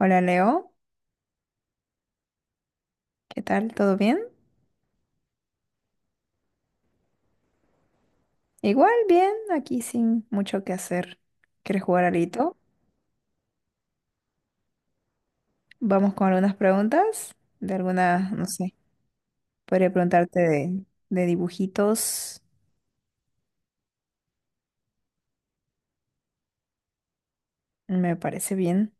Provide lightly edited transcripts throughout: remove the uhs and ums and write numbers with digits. Hola Leo, ¿qué tal? ¿Todo bien? Igual bien, aquí sin mucho que hacer. ¿Quieres jugar alito? Vamos con algunas preguntas de algunas, no sé, podría preguntarte de dibujitos. Me parece bien.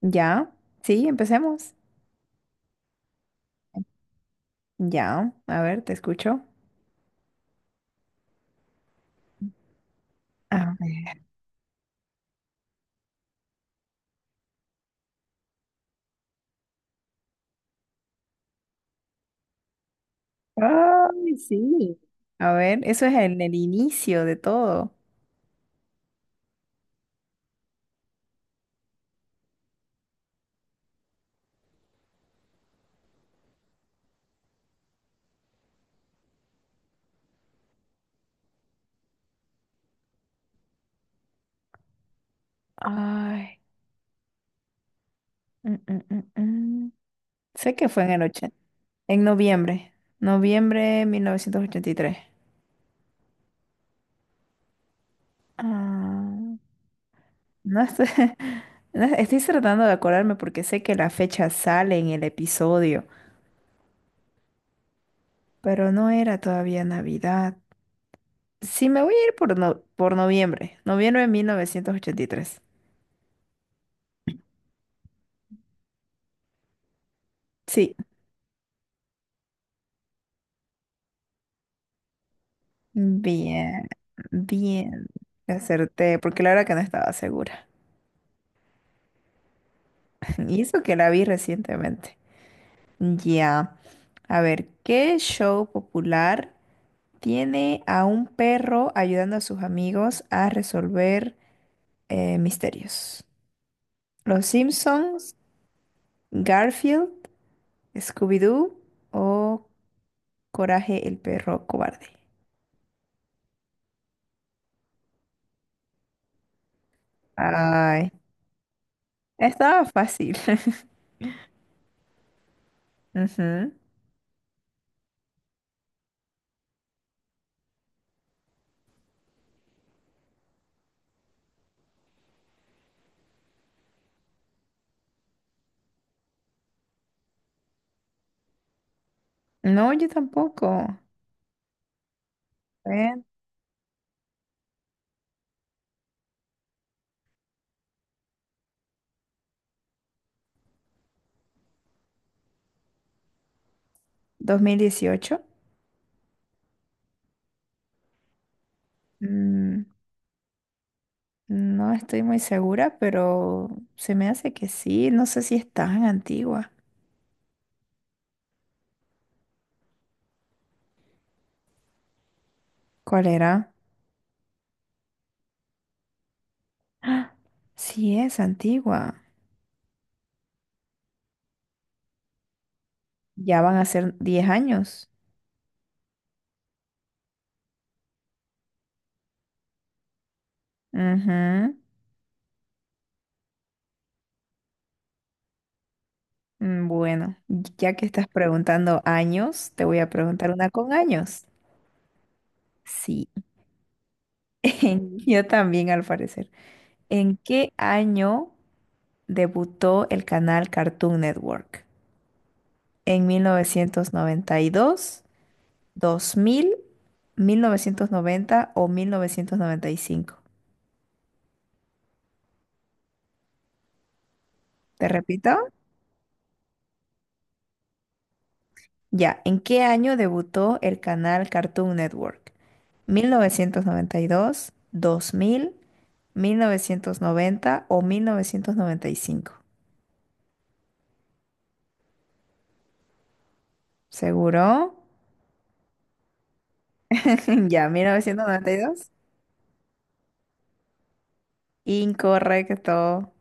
¿Ya? Sí, empecemos. Ya, a ver, te escucho. A ver. Ay, sí. A ver, eso es en el inicio de todo. Ay. mm, mm, mm, mm. Sé que fue en el ochenta. En noviembre, noviembre 1983. Ah, no estoy, no, estoy tratando de acordarme porque sé que la fecha sale en el episodio, pero no era todavía Navidad. Sí, me voy a ir por, por noviembre, noviembre de 1983. Sí, bien, bien, acerté, porque la verdad que no estaba segura. Y eso que la vi recientemente. Ya, a ver, ¿qué show popular? Tiene a un perro ayudando a sus amigos a resolver misterios. Los Simpsons, Garfield, Scooby-Doo o Coraje el perro cobarde. Ay, estaba fácil. Ujú. No, yo tampoco. A ver, 2018. Mm, no estoy muy segura, pero se me hace que sí. No sé si es tan antigua. ¿Cuál era? ¡Ah! Sí es antigua. Ya van a ser 10 años. Ujú. Bueno, ya que estás preguntando años, te voy a preguntar una con años. Sí, yo también al parecer. ¿En qué año debutó el canal Cartoon Network? ¿En mil, novecientos noventa y dos, 2000, 1990 o 1995. ¿Te repito? Ya, ¿en qué año debutó el canal Cartoon Network? Mil novecientos noventa y dos, dos mil, mil novecientos noventa o mil novecientos noventa y cinco. ¿Seguro? Ya, 1992. Incorrecto.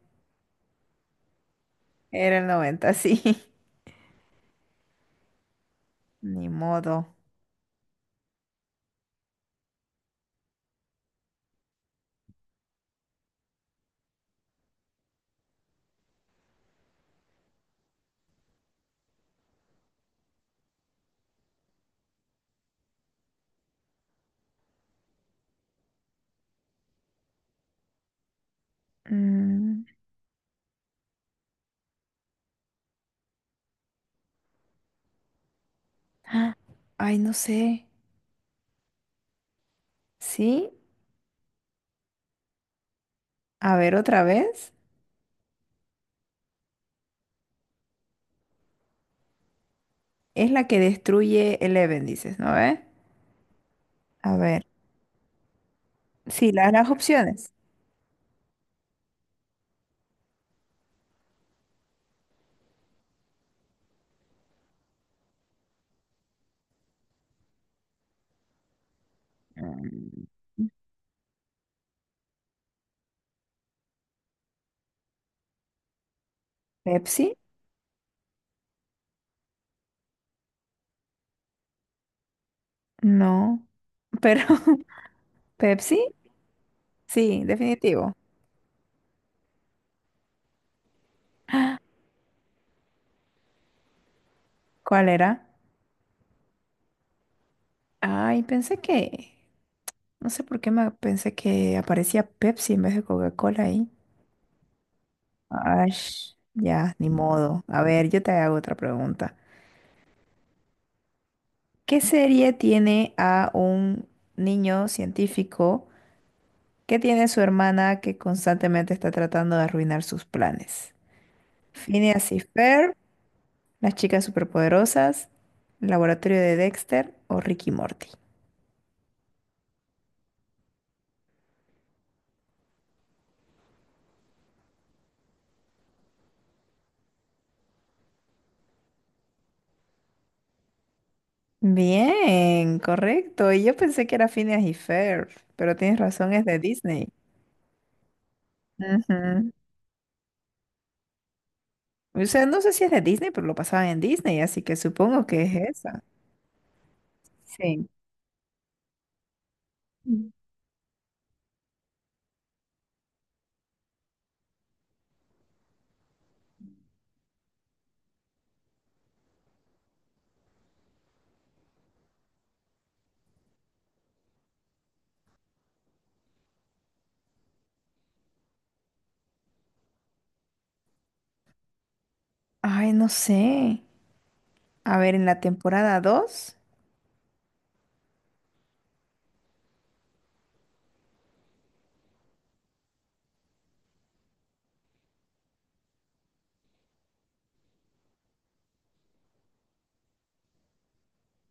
Era el noventa, sí. Ni modo. Mm, ah, ay, no sé. ¿Sí? A ver, otra vez. Es la que destruye Eleven, dices, ¿no ve? A ver. Sí, las opciones. Mm, ¿Pepsi? No. Pero, ¿Pepsi? Sí, definitivo. ¿Cuál era? Ay, pensé que, no sé por qué me pensé que aparecía Pepsi en vez de Coca-Cola ahí. Ay, ya, ni modo. A ver, yo te hago otra pregunta. ¿Qué serie tiene a un niño científico que tiene su hermana que constantemente está tratando de arruinar sus planes? ¿Phineas y Ferb, Las chicas superpoderosas, El laboratorio de Dexter o Ricky Morty? Bien, correcto. Y yo pensé que era Phineas y Ferb, pero tienes razón, es de Disney. Ujú. O sea, no sé si es de Disney, pero lo pasaban en Disney, así que supongo que es esa. Sí. Mm. Ay, no sé. A ver, en la temporada dos,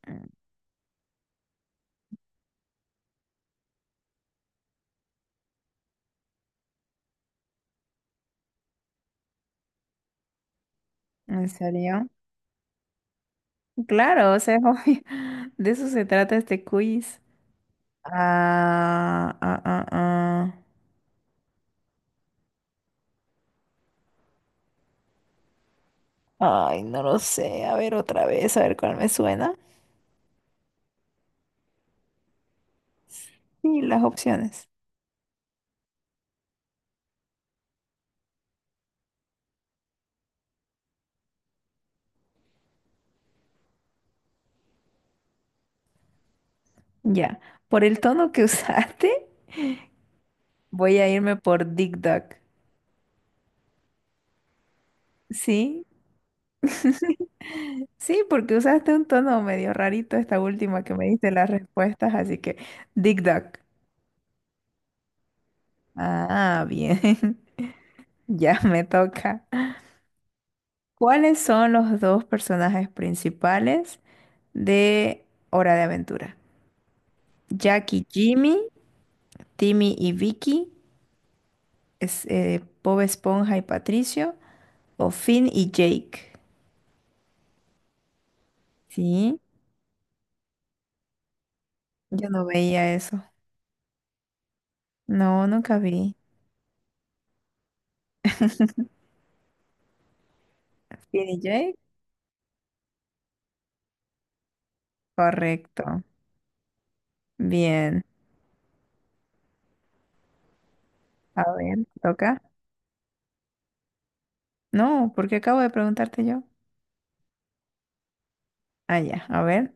mm, ¿en serio? Claro, o sea, es obvio. De eso se trata este quiz. Ah, ah, ah, ah. Ay, no lo sé. A ver otra vez, a ver cuál me suena. Y las opciones. Ya, por el tono que usaste, voy a irme por Dick Duck. ¿Sí? Sí, porque usaste un tono medio rarito esta última que me diste las respuestas, así que Dick Duck. Ah, bien. Ya me toca. ¿Cuáles son los dos personajes principales de Hora de Aventura? Jack y Jimmy, Timmy y Vicky, Bob Esponja y Patricio, o Finn y Jake. Sí, yo no veía eso. No, nunca vi. Skinny Jake, correcto. Bien. A ver, toca. No, porque acabo de preguntarte yo. Ah, ya, a ver.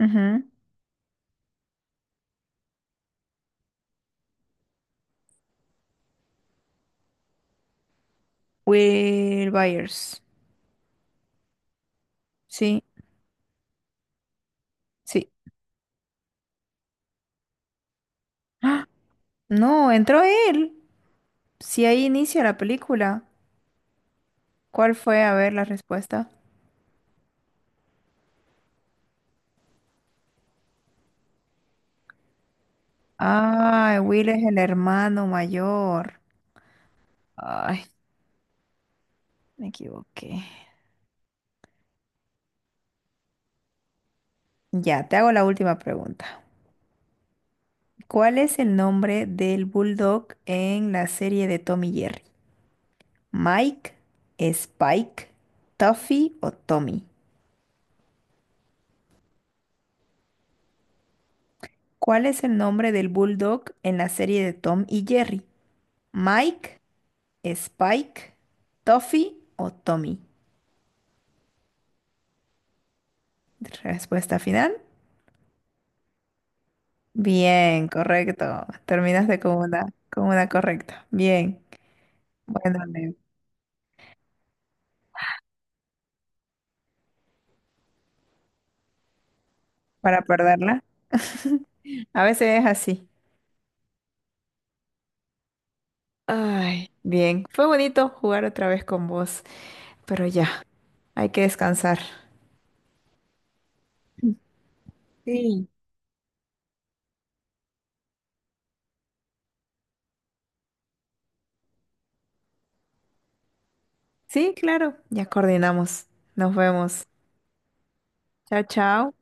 Ujú. Will Byers. Sí, sí. ¡Ah! No, entró él. Si ahí inicia la película. ¿Cuál fue? A ver la respuesta. Ah, Will es el hermano mayor. Ay, me equivoqué. Ya, te hago la última pregunta. ¿Cuál es el nombre del bulldog en la serie de Tommy y Jerry? ¿Mike, Spike, Tuffy o Tommy? ¿Cuál es el nombre del bulldog en la serie de Tom y Jerry? ¿Mike, Spike, Tuffy o Tommy? Respuesta final. Bien, correcto. Terminaste con una correcta. Bien. Bueno, Leo, para perderla. A veces es así. Ay, bien. Fue bonito jugar otra vez con vos, pero ya, hay que descansar. Sí. Sí, claro, ya coordinamos. Nos vemos. Chao, chao.